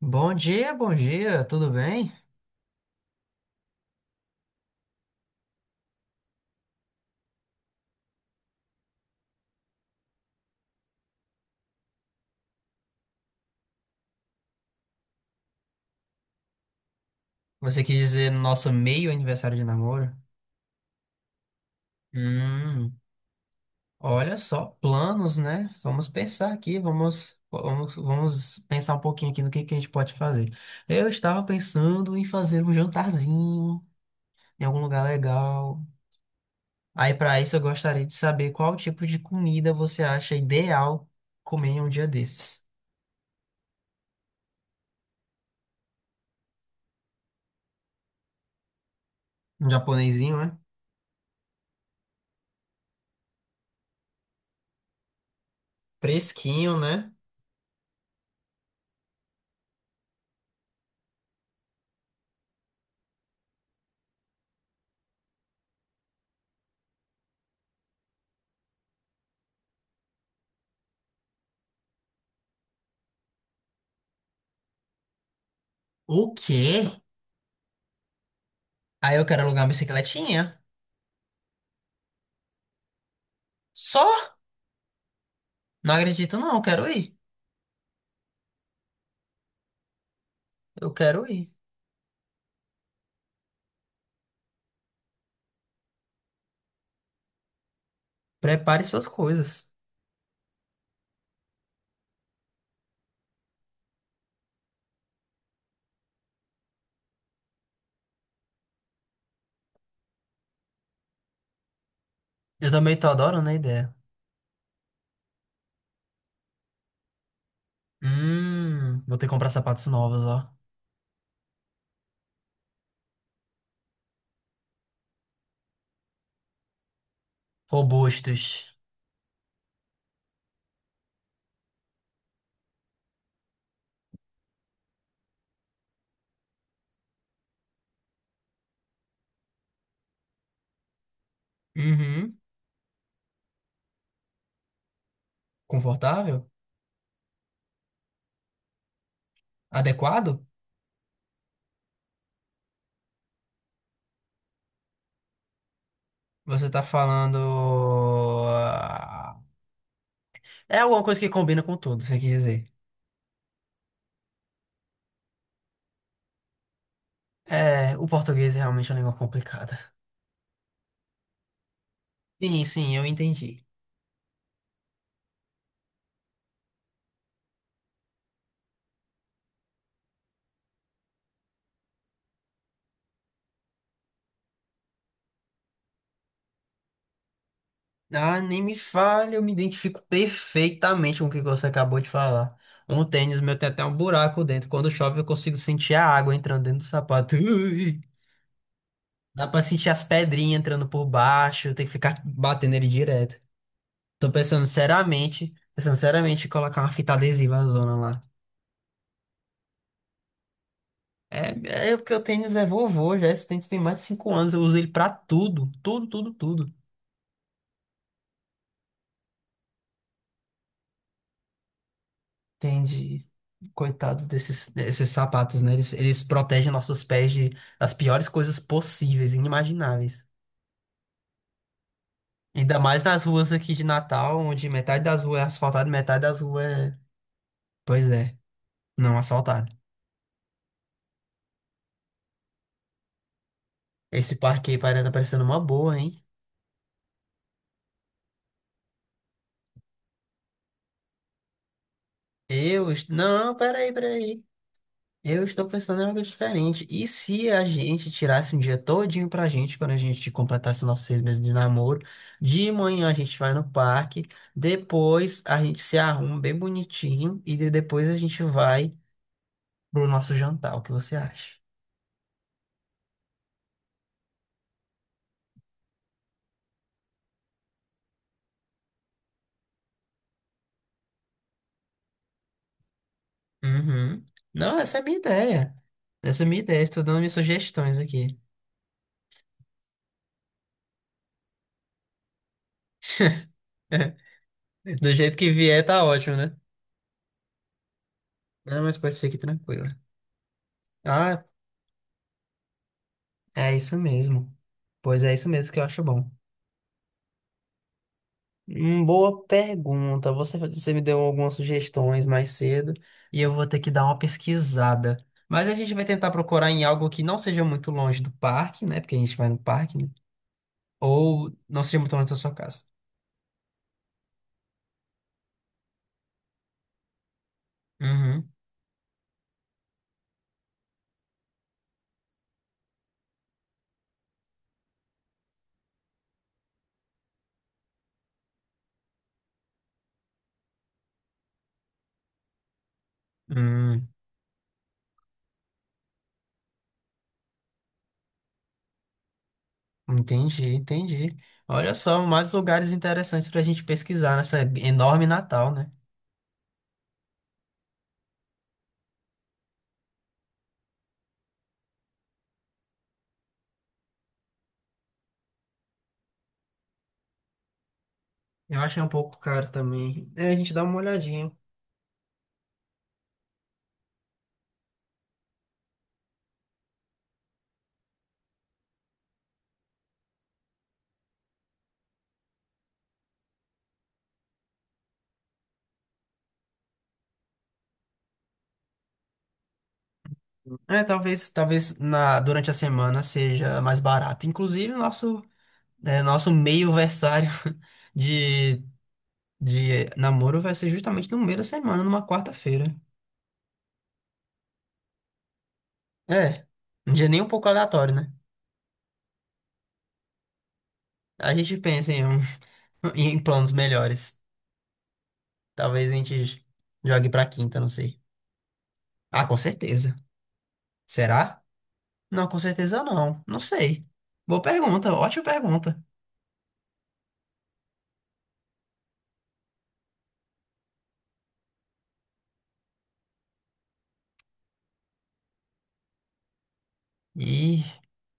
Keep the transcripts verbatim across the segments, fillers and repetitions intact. Bom dia, bom dia, tudo bem? Você quis dizer nosso meio aniversário de namoro? Hum, Olha só, planos, né? Vamos pensar aqui, vamos, vamos, vamos pensar um pouquinho aqui no que que a gente pode fazer. Eu estava pensando em fazer um jantarzinho em algum lugar legal. Aí, para isso, eu gostaria de saber qual tipo de comida você acha ideal comer em um dia desses. Um japonesinho, né? Fresquinho, né? O quê? Aí eu quero alugar uma bicicletinha. Só? Não acredito, não. Eu quero ir. Eu quero ir. Prepare suas coisas. Eu também tô adorando a ideia. Hum, vou ter que comprar sapatos novos, ó. Robustos. Uhum. Confortável? Adequado? Você tá falando. Ah, É alguma coisa que combina com tudo, você quer dizer. É, o português é realmente uma língua complicada. Sim, sim, eu entendi. Ah, nem me fale, eu me identifico perfeitamente com o que você acabou de falar. Um tênis meu tem até um buraco dentro. Quando chove, eu consigo sentir a água entrando dentro do sapato. Ui! Dá pra sentir as pedrinhas entrando por baixo, tem que ficar batendo ele direto. Tô pensando seriamente, pensando seriamente em colocar uma fita adesiva na zona lá. É, é porque o tênis é vovô já, esse tênis tem mais de cinco anos, eu uso ele pra tudo, tudo, tudo, tudo. Entendi. Coitados desses, desses sapatos, né? Eles, eles protegem nossos pés de, das piores coisas possíveis, inimagináveis. Ainda mais nas ruas aqui de Natal, onde metade das ruas é asfaltada, e metade das ruas é, pois é, não asfaltada. Esse parque aí parece tá parecendo uma boa, hein? Eu... est- Não, peraí, peraí. Eu estou pensando em algo diferente. E se a gente tirasse um dia todinho pra gente, quando a gente completasse nossos seis meses de namoro, de manhã a gente vai no parque, depois a gente se arruma bem bonitinho e de- depois a gente vai pro nosso jantar. O que você acha? Uhum. Não, essa é a minha ideia. Essa é a minha ideia. Estou dando minhas sugestões aqui. Do jeito que vier, tá ótimo, né? Não, mas pois fique tranquila. Ah, é isso mesmo. Pois é isso mesmo que eu acho bom. Hum, Boa pergunta. Você, você me deu algumas sugestões mais cedo e eu vou ter que dar uma pesquisada. Mas a gente vai tentar procurar em algo que não seja muito longe do parque, né? Porque a gente vai no parque, né? Ou não seja muito longe da sua casa. Uhum. Hum, entendi, entendi. Olha só, mais lugares interessantes pra gente pesquisar nessa enorme Natal, né? Eu achei um pouco caro também. É, a gente dá uma olhadinha. É, talvez, talvez na, durante a semana seja mais barato. Inclusive, nosso. É, nosso meio versário de, de namoro vai ser justamente no meio da semana, numa quarta-feira. É, um dia nem um pouco aleatório, né? A gente pensa em, um- em planos melhores. Talvez a gente jogue pra quinta, não sei. Ah, com certeza. Será? Não, com certeza não. Não sei. Boa pergunta, ótima pergunta. E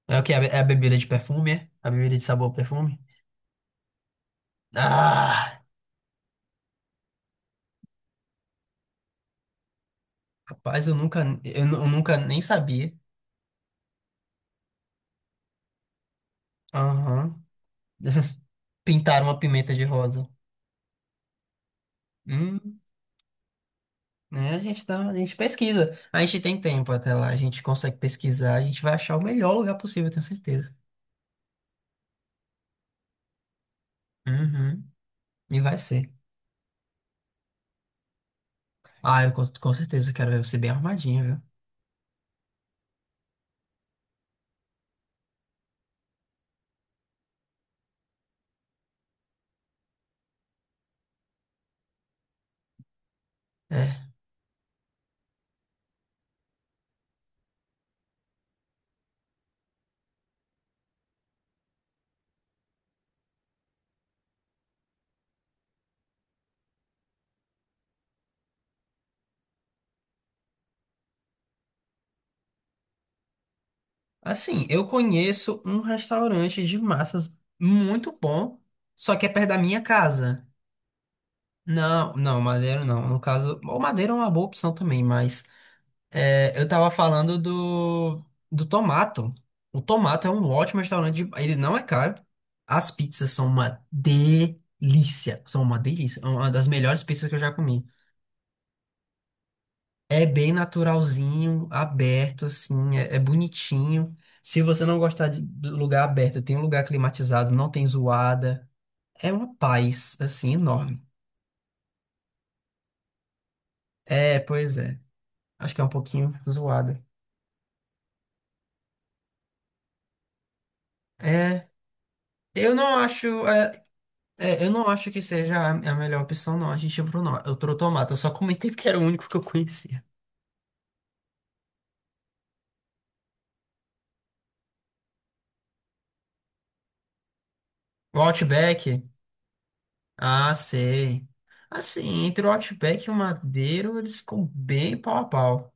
é o que? É a be- é a bebida de perfume, é? A bebida de sabor perfume? Ah, rapaz, eu nunca, eu, nu- eu nunca nem sabia. Aham. Pintar uma pimenta de rosa. Hum, né? A gente dá, a gente pesquisa. A gente tem tempo até lá, a gente consegue pesquisar, a gente vai achar o melhor lugar possível, eu tenho certeza. Uhum. E vai ser. Ah, eu com, com certeza eu quero ver você bem arrumadinho, viu? É. Assim, eu conheço um restaurante de massas muito bom, só que é perto da minha casa. Não, não, Madeira não. No caso, o Madeira é uma boa opção também, mas é, eu tava falando do, do Tomato. O Tomato é um ótimo restaurante. de- Ele não é caro. As pizzas são uma delícia. São uma delícia. É uma das melhores pizzas que eu já comi. É bem naturalzinho, aberto, assim. É, é bonitinho. Se você não gostar de, do lugar aberto, tem um lugar climatizado, não tem zoada. É uma paz, assim, enorme. É, pois é. Acho que é um pouquinho zoada. É. Eu não acho. é, É, eu não acho que seja a a melhor opção, não. A gente ia pro, Eu trouxe tomate. Eu só comentei porque era o único que eu conhecia. O Outback? Ah, sei. Assim, entre o Outback e o Madeiro, eles ficam bem pau a pau.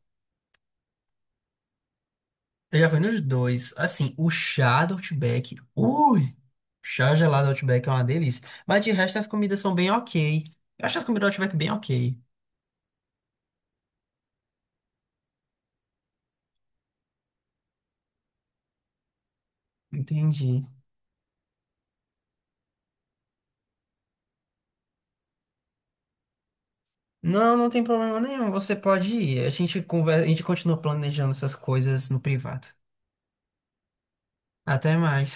Eu já fui nos dois. Assim, o chá do Outback. Ui! Chá gelado do Outback é uma delícia. Mas de resto, as comidas são bem ok. Eu acho as comidas do Outback bem ok. Entendi. Não, não tem problema nenhum. Você pode ir. A gente conversa, a gente continua planejando essas coisas no privado. Até mais.